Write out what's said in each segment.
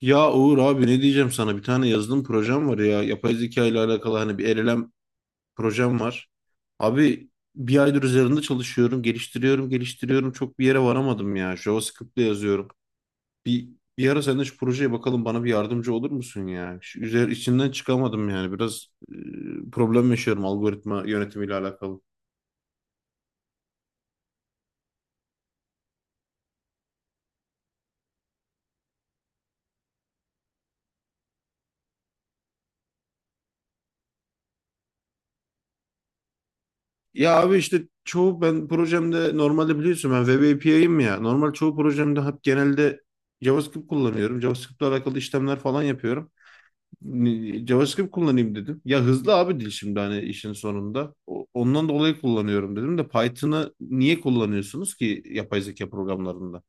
Ya Uğur abi ne diyeceğim, sana bir tane yazılım projem var ya, yapay zeka ile alakalı, hani bir LLM projem var. Abi bir aydır üzerinde çalışıyorum, geliştiriyorum çok bir yere varamadım ya, JavaScript'le yazıyorum. Bir, bir ara sen de şu projeye bakalım, bana bir yardımcı olur musun ya? İçinden çıkamadım yani, biraz problem yaşıyorum algoritma yönetimiyle alakalı. Ya abi işte çoğu ben projemde, normalde biliyorsun ben web API'yim ya. Normal çoğu projemde hep genelde JavaScript kullanıyorum. JavaScript'le alakalı işlemler falan yapıyorum. JavaScript kullanayım dedim. Ya hızlı abi dil, şimdi hani işin sonunda. Ondan dolayı kullanıyorum dedim de, Python'ı niye kullanıyorsunuz ki yapay zeka programlarında?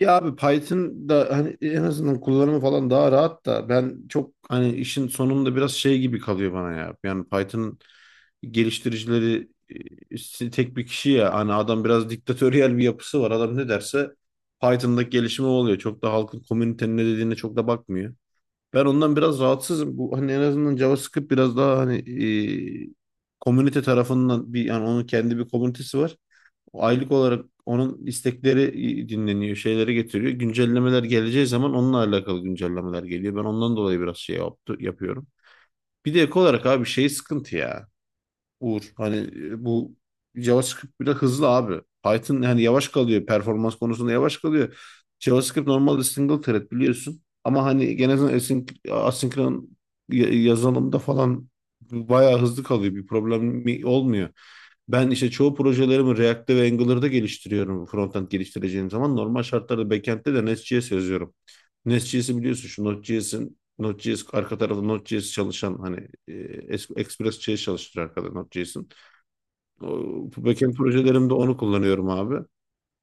Ya abi, Python da hani en azından kullanımı falan daha rahat da, ben çok hani işin sonunda biraz şey gibi kalıyor bana ya. Yani Python geliştiricileri işte tek bir kişi ya. Hani adam biraz diktatöryel bir yapısı var. Adam ne derse Python'daki gelişimi o oluyor. Çok da halkın, komünitenin ne dediğine çok da bakmıyor. Ben ondan biraz rahatsızım. Bu, hani en azından JavaScript biraz daha hani e, komünite tarafından bir, yani onun kendi bir komünitesi var. Aylık olarak onun istekleri dinleniyor, şeyleri getiriyor. Güncellemeler geleceği zaman onunla alakalı güncellemeler geliyor. Ben ondan dolayı biraz yapıyorum. Bir de ek olarak abi şey sıkıntı ya. Uğur, hani bu JavaScript bile hızlı abi. Python hani yavaş kalıyor. Performans konusunda yavaş kalıyor. JavaScript normalde single thread biliyorsun. Ama hani asinkron yazılımda falan bayağı hızlı kalıyor. Bir problem olmuyor. Ben işte çoğu projelerimi React'te ve Angular'da geliştiriyorum. Frontend geliştireceğim zaman, normal şartlarda backend'te de Nest.js yazıyorum. Nest.js'i biliyorsun, şu Node.js'in, Node.js arka tarafı Node.js çalışan, hani Express.js çalıştırıyor arkada Node.js'in. O, backend projelerimde onu kullanıyorum abi.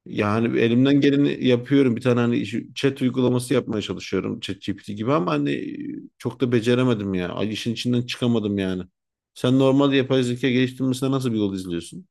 Yani elimden geleni yapıyorum. Bir tane hani chat uygulaması yapmaya çalışıyorum. ChatGPT gibi, ama hani çok da beceremedim ya. Ay, işin içinden çıkamadım yani. Sen normal yapay zeka geliştirmesine nasıl bir yol izliyorsun?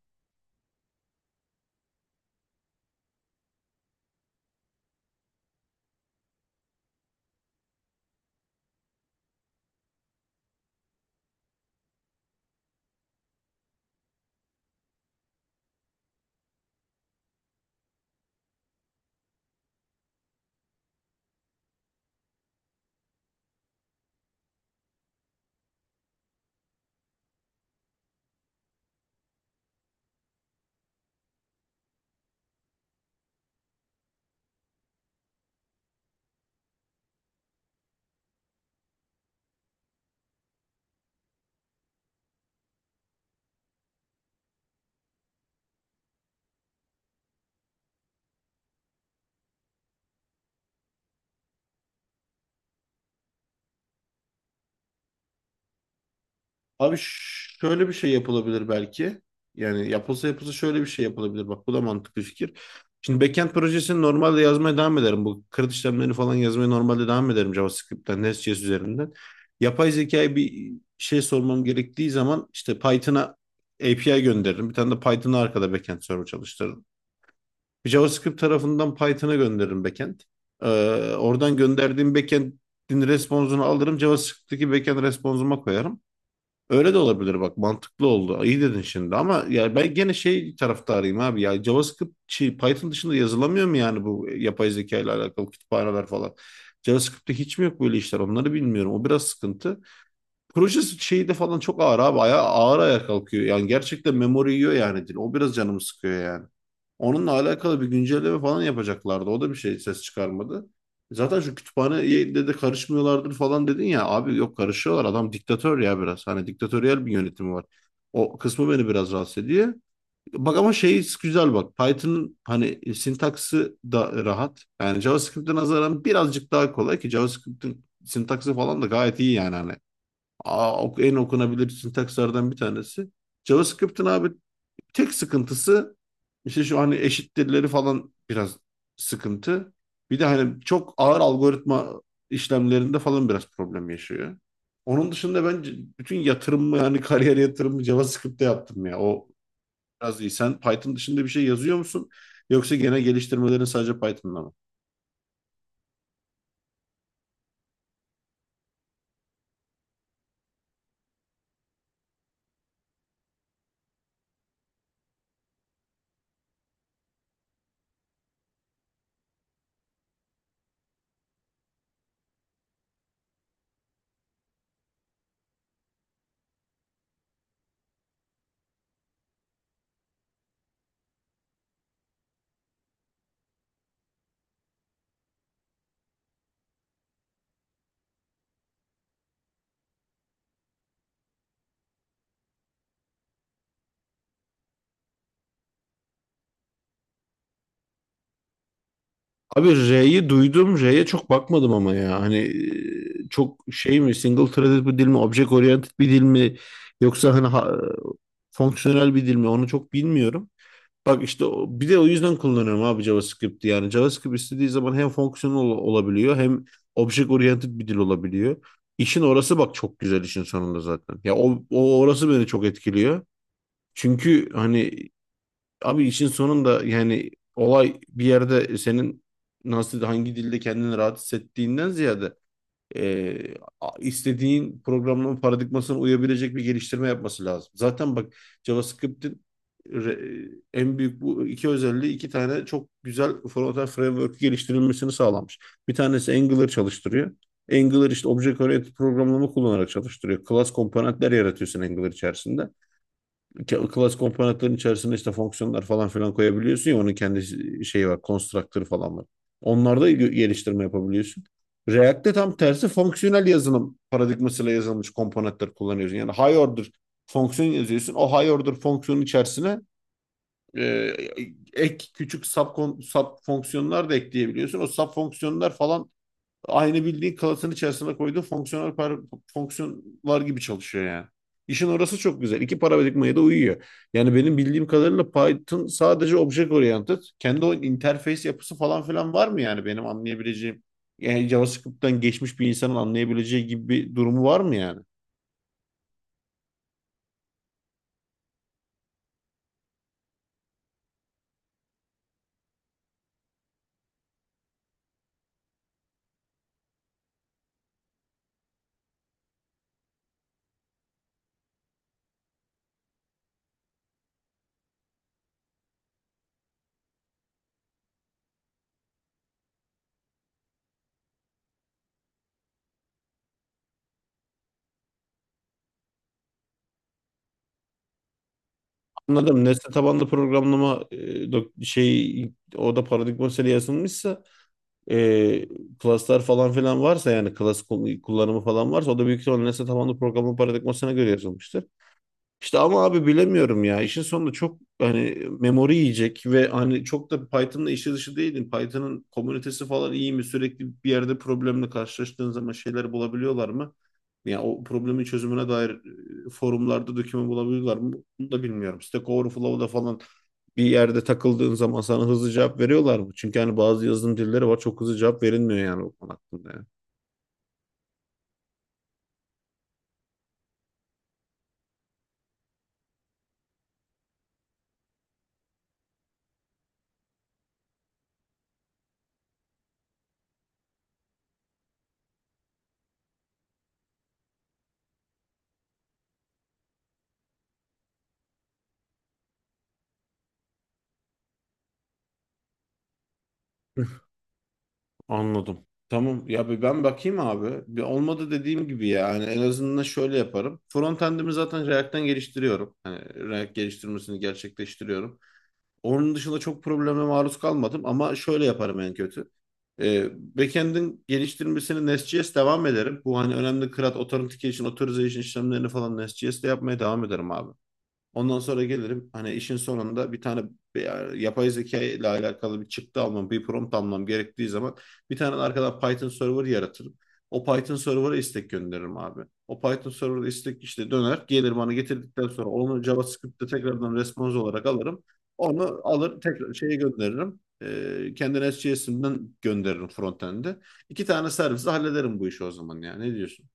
Abi ş- Şöyle bir şey yapılabilir belki. Yani yapılsa yapılsa şöyle bir şey yapılabilir. Bak bu da mantıklı fikir. Şimdi backend projesini normalde yazmaya devam ederim. Bu kırıt işlemlerini falan yazmaya normalde devam ederim, JavaScript'ten, Nest.js üzerinden. Yapay zekaya bir şey sormam gerektiği zaman işte Python'a API gönderirim. Bir tane de Python'a arkada backend server çalıştırırım. Bir JavaScript tarafından Python'a gönderirim backend. Ee, Oradan gönderdiğim backend'in responsunu alırım. JavaScript'teki backend responsuma koyarım. Öyle de olabilir bak, mantıklı oldu. İyi dedin şimdi, ama ya ben gene şey taraftarıyım abi ya, JavaScript şey, Python dışında yazılamıyor mu yani bu yapay zeka ile alakalı kütüphaneler falan. JavaScript'te hiç mi yok böyle işler, onları bilmiyorum. O biraz sıkıntı. Proje şeyi de falan çok ağır abi. Aya, ağır ayağa kalkıyor. Yani gerçekten memori yiyor yani dil. O biraz canımı sıkıyor yani. Onunla alakalı bir güncelleme falan yapacaklardı. O da bir şey ses çıkarmadı. Zaten şu kütüphaneye de karışmıyorlardır falan dedin ya. Abi yok, karışıyorlar. Adam diktatör ya biraz. Hani diktatöryel bir yönetimi var. O kısmı beni biraz rahatsız ediyor. Bak ama şey, güzel bak. Python'ın hani sintaksı da rahat. Yani JavaScript'e nazaran birazcık daha kolay, ki JavaScript'in sintaksı falan da gayet iyi yani hani. En okunabilir sintakslardan bir tanesi JavaScript'in abi. Tek sıkıntısı işte şu hani eşittirleri falan biraz sıkıntı. Bir de hani çok ağır algoritma işlemlerinde falan biraz problem yaşıyor. Onun dışında ben bütün yatırımımı yani kariyer yatırımı JavaScript'te yaptım ya. O biraz iyi. Sen Python dışında bir şey yazıyor musun? Yoksa gene geliştirmelerin sadece Python'da mı? Abi R'yi duydum. R'ye çok bakmadım ama ya. Hani çok şey mi, single threaded bir dil mi, object oriented bir dil mi, yoksa fonksiyonel bir dil mi, onu çok bilmiyorum. Bak işte bir de o yüzden kullanıyorum abi JavaScript'i. Yani JavaScript istediği zaman hem fonksiyonel olabiliyor, hem object oriented bir dil olabiliyor. İşin orası bak çok güzel işin sonunda zaten. Ya o orası beni çok etkiliyor. Çünkü hani abi işin sonunda yani, olay bir yerde senin nasıl, hangi dilde kendini rahat hissettiğinden ziyade e, istediğin programlama paradigmasına uyabilecek bir geliştirme yapması lazım. Zaten bak JavaScript'in en büyük bu iki özelliği, iki tane çok güzel frontend framework geliştirilmesini sağlamış. Bir tanesi Angular çalıştırıyor. Angular işte object oriented programlama kullanarak çalıştırıyor. Class komponentler yaratıyorsun Angular içerisinde. Class komponentlerin içerisinde işte fonksiyonlar falan filan koyabiliyorsun ya, onun kendi şeyi var, constructor falan var. Onlarda geliştirme yapabiliyorsun. React'te tam tersi, fonksiyonel yazılım paradigmasıyla yazılmış komponentler kullanıyorsun. Yani high order fonksiyon yazıyorsun. O high order fonksiyonun içerisine e, ek küçük sub fonksiyonlar da ekleyebiliyorsun. O sub fonksiyonlar falan aynı bildiğin kalasın içerisine koyduğu fonksiyonel par fonksiyonlar gibi çalışıyor yani. İşin orası çok güzel. İki paradigmaya da uyuyor. Yani benim bildiğim kadarıyla Python sadece object oriented. Kendi o interface yapısı falan filan var mı yani benim anlayabileceğim? Yani JavaScript'ten geçmiş bir insanın anlayabileceği gibi bir durumu var mı yani? Anladım. Nesne tabanlı programlama şey, o da paradigma yazılmışsa, e, klaslar falan filan varsa, yani klas kullanımı falan varsa, o da büyük ihtimalle nesne tabanlı programlama paradigmasına göre yazılmıştır. İşte ama abi bilemiyorum ya. İşin sonunda çok hani memori yiyecek, ve hani çok da Python'la işi dışı değilim. Python'ın komünitesi falan iyi mi? Sürekli bir yerde problemle karşılaştığın zaman şeyler bulabiliyorlar mı? Ya o problemin çözümüne dair forumlarda döküman bulabiliyorlar mı? Bunu da bilmiyorum. Stack Overflow'da falan bir yerde takıldığın zaman sana hızlı cevap veriyorlar mı? Çünkü hani bazı yazılım dilleri var, çok hızlı cevap verilmiyor yani o konu hakkında, yani. Anladım. Tamam ya, bir ben bakayım abi. Bir olmadı dediğim gibi, yani en azından şöyle yaparım. Frontend'imi zaten React'ten geliştiriyorum. Hani React geliştirmesini gerçekleştiriyorum. Onun dışında çok probleme maruz kalmadım, ama şöyle yaparım en kötü. Ee, Backend'in geliştirmesini Nest.js devam ederim. Bu hani önemli CRUD, Authentication, Authorization işlemlerini falan Nest.js'te yapmaya devam ederim abi. Ondan sonra gelirim, hani işin sonunda bir tane yapay zeka ile alakalı bir çıktı almam, bir prompt almam gerektiği zaman, bir tane arkadan Python server yaratırım. O Python server'a istek gönderirim abi. O Python server'a istek işte döner, gelir bana getirdikten sonra onu JavaScript'te tekrardan response olarak alırım. Onu alır tekrar şeye gönderirim. Kendi SJS'inden gönderirim frontend'e. İki tane servisle hallederim bu işi o zaman ya. Ne diyorsun?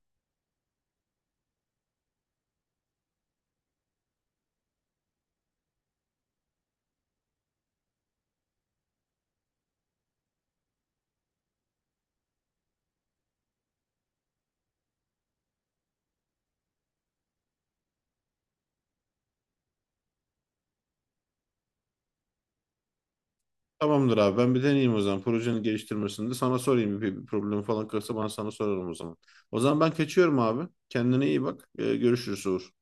Tamamdır abi, ben bir deneyeyim o zaman. Projenin geliştirmesinde sana sorayım, bir problem falan kalırsa sana sorarım o zaman. O zaman ben kaçıyorum abi. Kendine iyi bak. Görüşürüz Uğur.